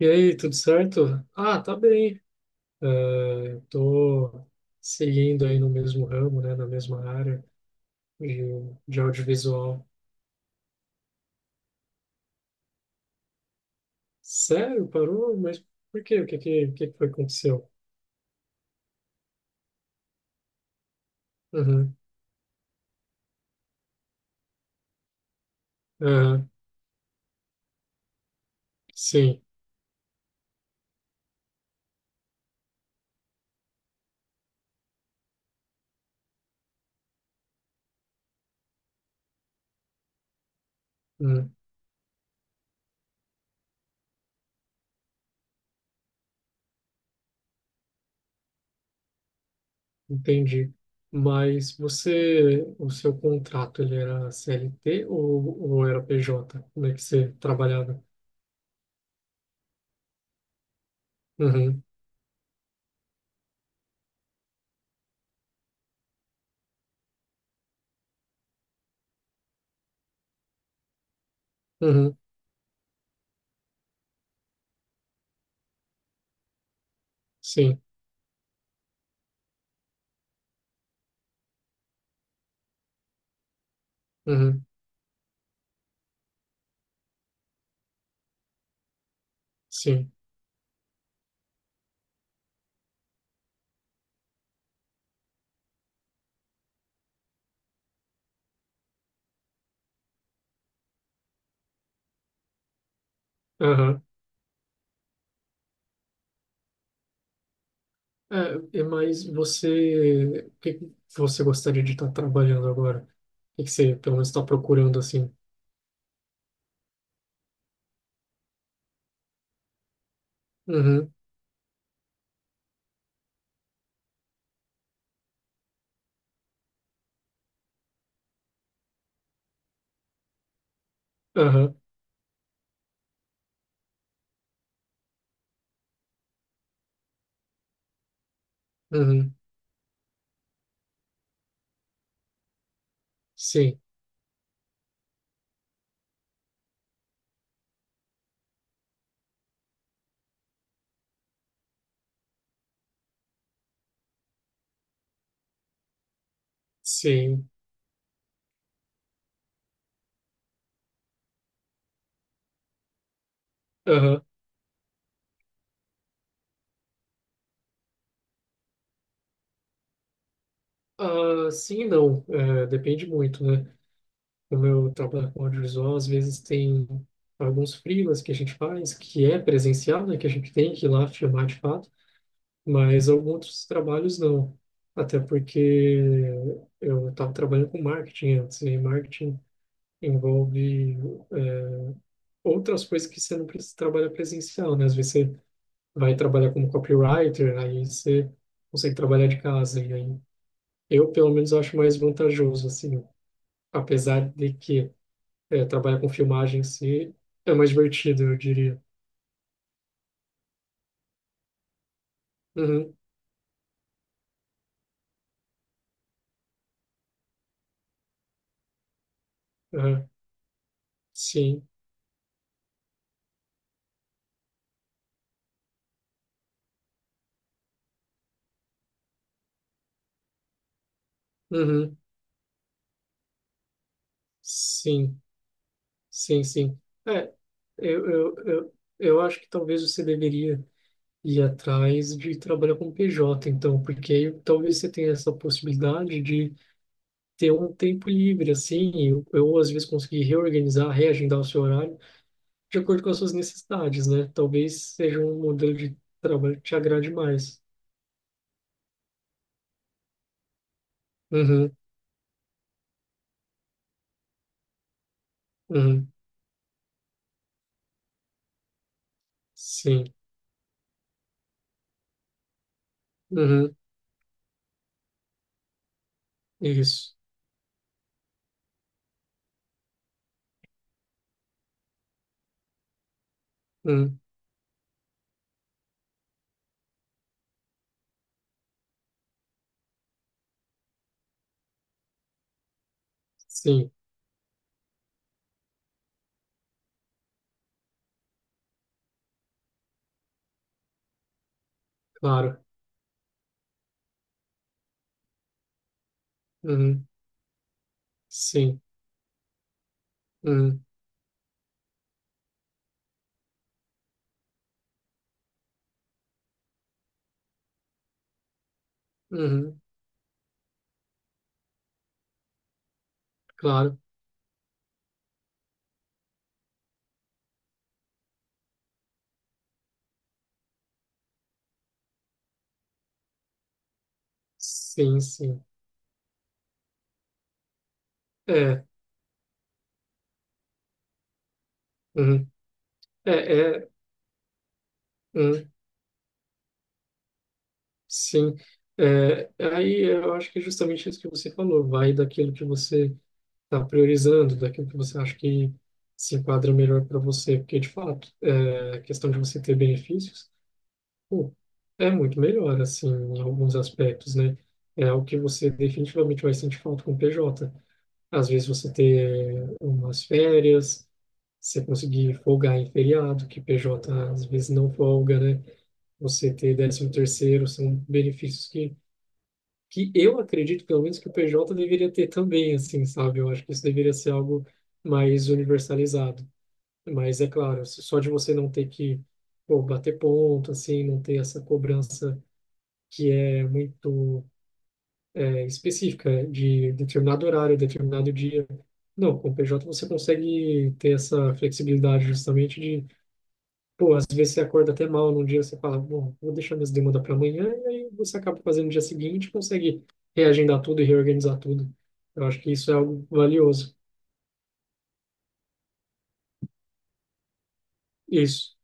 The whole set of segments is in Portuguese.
E aí, tudo certo? Ah, tá bem. Tô seguindo aí no mesmo ramo, né, na mesma área de, de audiovisual. Sério? Parou? Mas por quê? O que que foi que aconteceu? Uhum, aham, sim. Hum, entendi. Mas você, o seu contrato, ele era CLT ou era PJ? Como é que você trabalhava? Uhum, uhum, sim, uhum, sim, aham. É, mas você, o que que você gostaria de estar trabalhando agora? O que que você, pelo menos, está procurando assim? Uhum, aham, uhum, sim, sim, aham. Ah, sim e não, é, depende muito, né? Como eu trabalho com audiovisual, às vezes tem alguns freelas que a gente faz, que é presencial, né? Que a gente tem que ir lá filmar de fato, mas alguns outros trabalhos não. Até porque eu estava trabalhando com marketing antes, e marketing envolve é, outras coisas que você não precisa trabalhar presencial, né? Às vezes você vai trabalhar como copywriter, aí você consegue trabalhar de casa. E aí eu, pelo menos, acho mais vantajoso, assim, apesar de que trabalhar com filmagem em si é mais divertido, eu diria. Uhum, uhum, sim, uhum, sim, sim, sim. É, eu acho que talvez você deveria ir atrás de trabalhar com PJ, então, porque aí talvez você tenha essa possibilidade de ter um tempo livre, assim, eu às vezes conseguir reorganizar, reagendar o seu horário de acordo com as suas necessidades, né? Talvez seja um modelo de trabalho que te agrade mais. Uhum, uhum, sim, uhum, isso, uhum, sim, claro, uhum, sim, uhum, uhum, claro, sim, sim, é, uhum, é, é, uhum. Sim, é, aí eu acho que é justamente isso que você falou, vai daquilo que você está priorizando, daquilo que você acha que se enquadra melhor para você, porque de fato, é, a questão de você ter benefícios, pô, é muito melhor, assim, em alguns aspectos, né? É o que você definitivamente vai sentir falta com o PJ. Às vezes você ter umas férias, você conseguir folgar em feriado, que PJ às vezes não folga, né? Você ter décimo terceiro, são benefícios que eu acredito, pelo menos, que o PJ deveria ter também, assim, sabe? Eu acho que isso deveria ser algo mais universalizado. Mas é claro, só de você não ter que, pô, bater ponto, assim, não ter essa cobrança que é muito específica de determinado horário, determinado dia. Não, com o PJ você consegue ter essa flexibilidade justamente de... Pô, às vezes você acorda até mal num dia, você fala, bom, vou deixar minhas demandas para amanhã, e aí você acaba fazendo no dia seguinte, consegue reagendar tudo e reorganizar tudo. Eu acho que isso é algo valioso. Isso.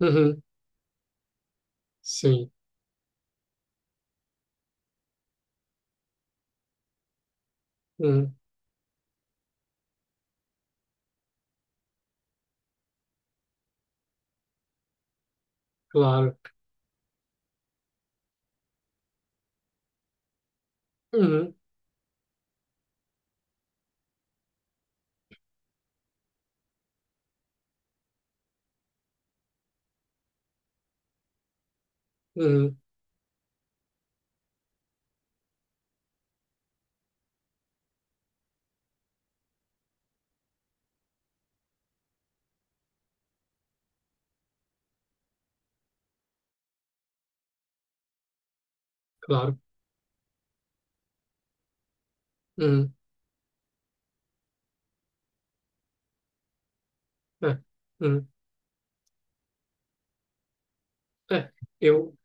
Uhum. Sim. Uhum. Claro. Uhum. Uhum. Claro. Uhum. É. Uhum. É. Eu...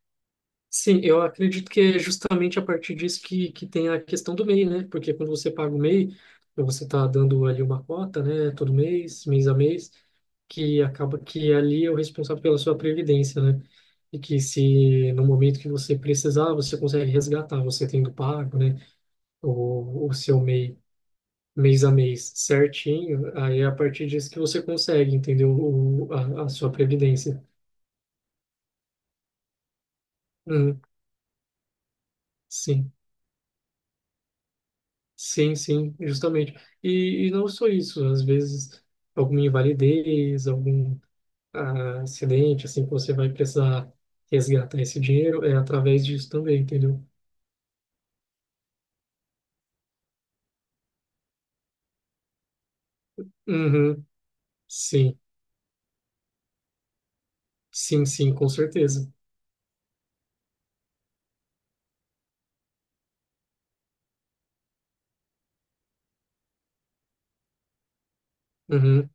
Sim, eu acredito que é justamente a partir disso que tem a questão do MEI, né? Porque quando você paga o MEI, você está dando ali uma cota, né? Todo mês, mês a mês, que acaba que ali é o responsável pela sua previdência, né? E que se no momento que você precisar, você consegue resgatar, você tendo pago, né? O seu MEI mês a mês certinho, aí é a partir disso que você consegue, entendeu? O, a sua previdência. Uhum, sim. Sim, sim, justamente. E não só isso, às vezes alguma invalidez, algum acidente, assim, que você vai precisar resgatar esse dinheiro, é através disso também, entendeu? Uhum, sim, sim, sim, com certeza. Uhum,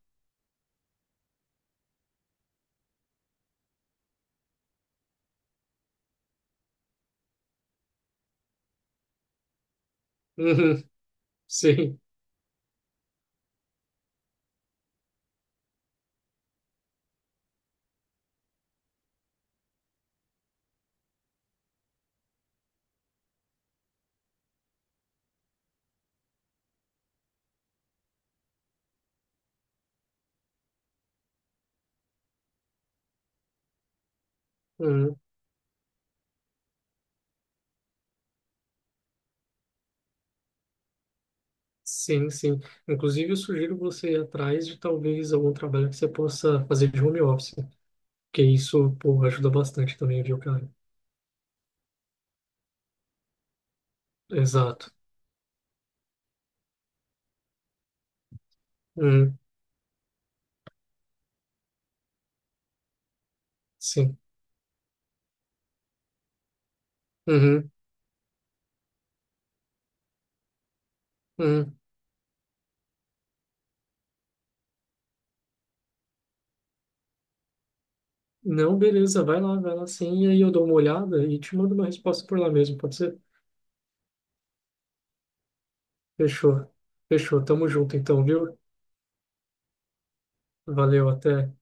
uhum, sim, uhum, sim, sim. Inclusive, eu sugiro você ir atrás de talvez algum trabalho que você possa fazer de home office, porque isso, pô, ajuda bastante também, viu, cara? Exato. Uhum, sim. Uhum, uhum. Não, beleza, vai lá sim, e aí eu dou uma olhada e te mando uma resposta por lá mesmo, pode ser? Fechou. Fechou, tamo junto então, viu? Valeu, até.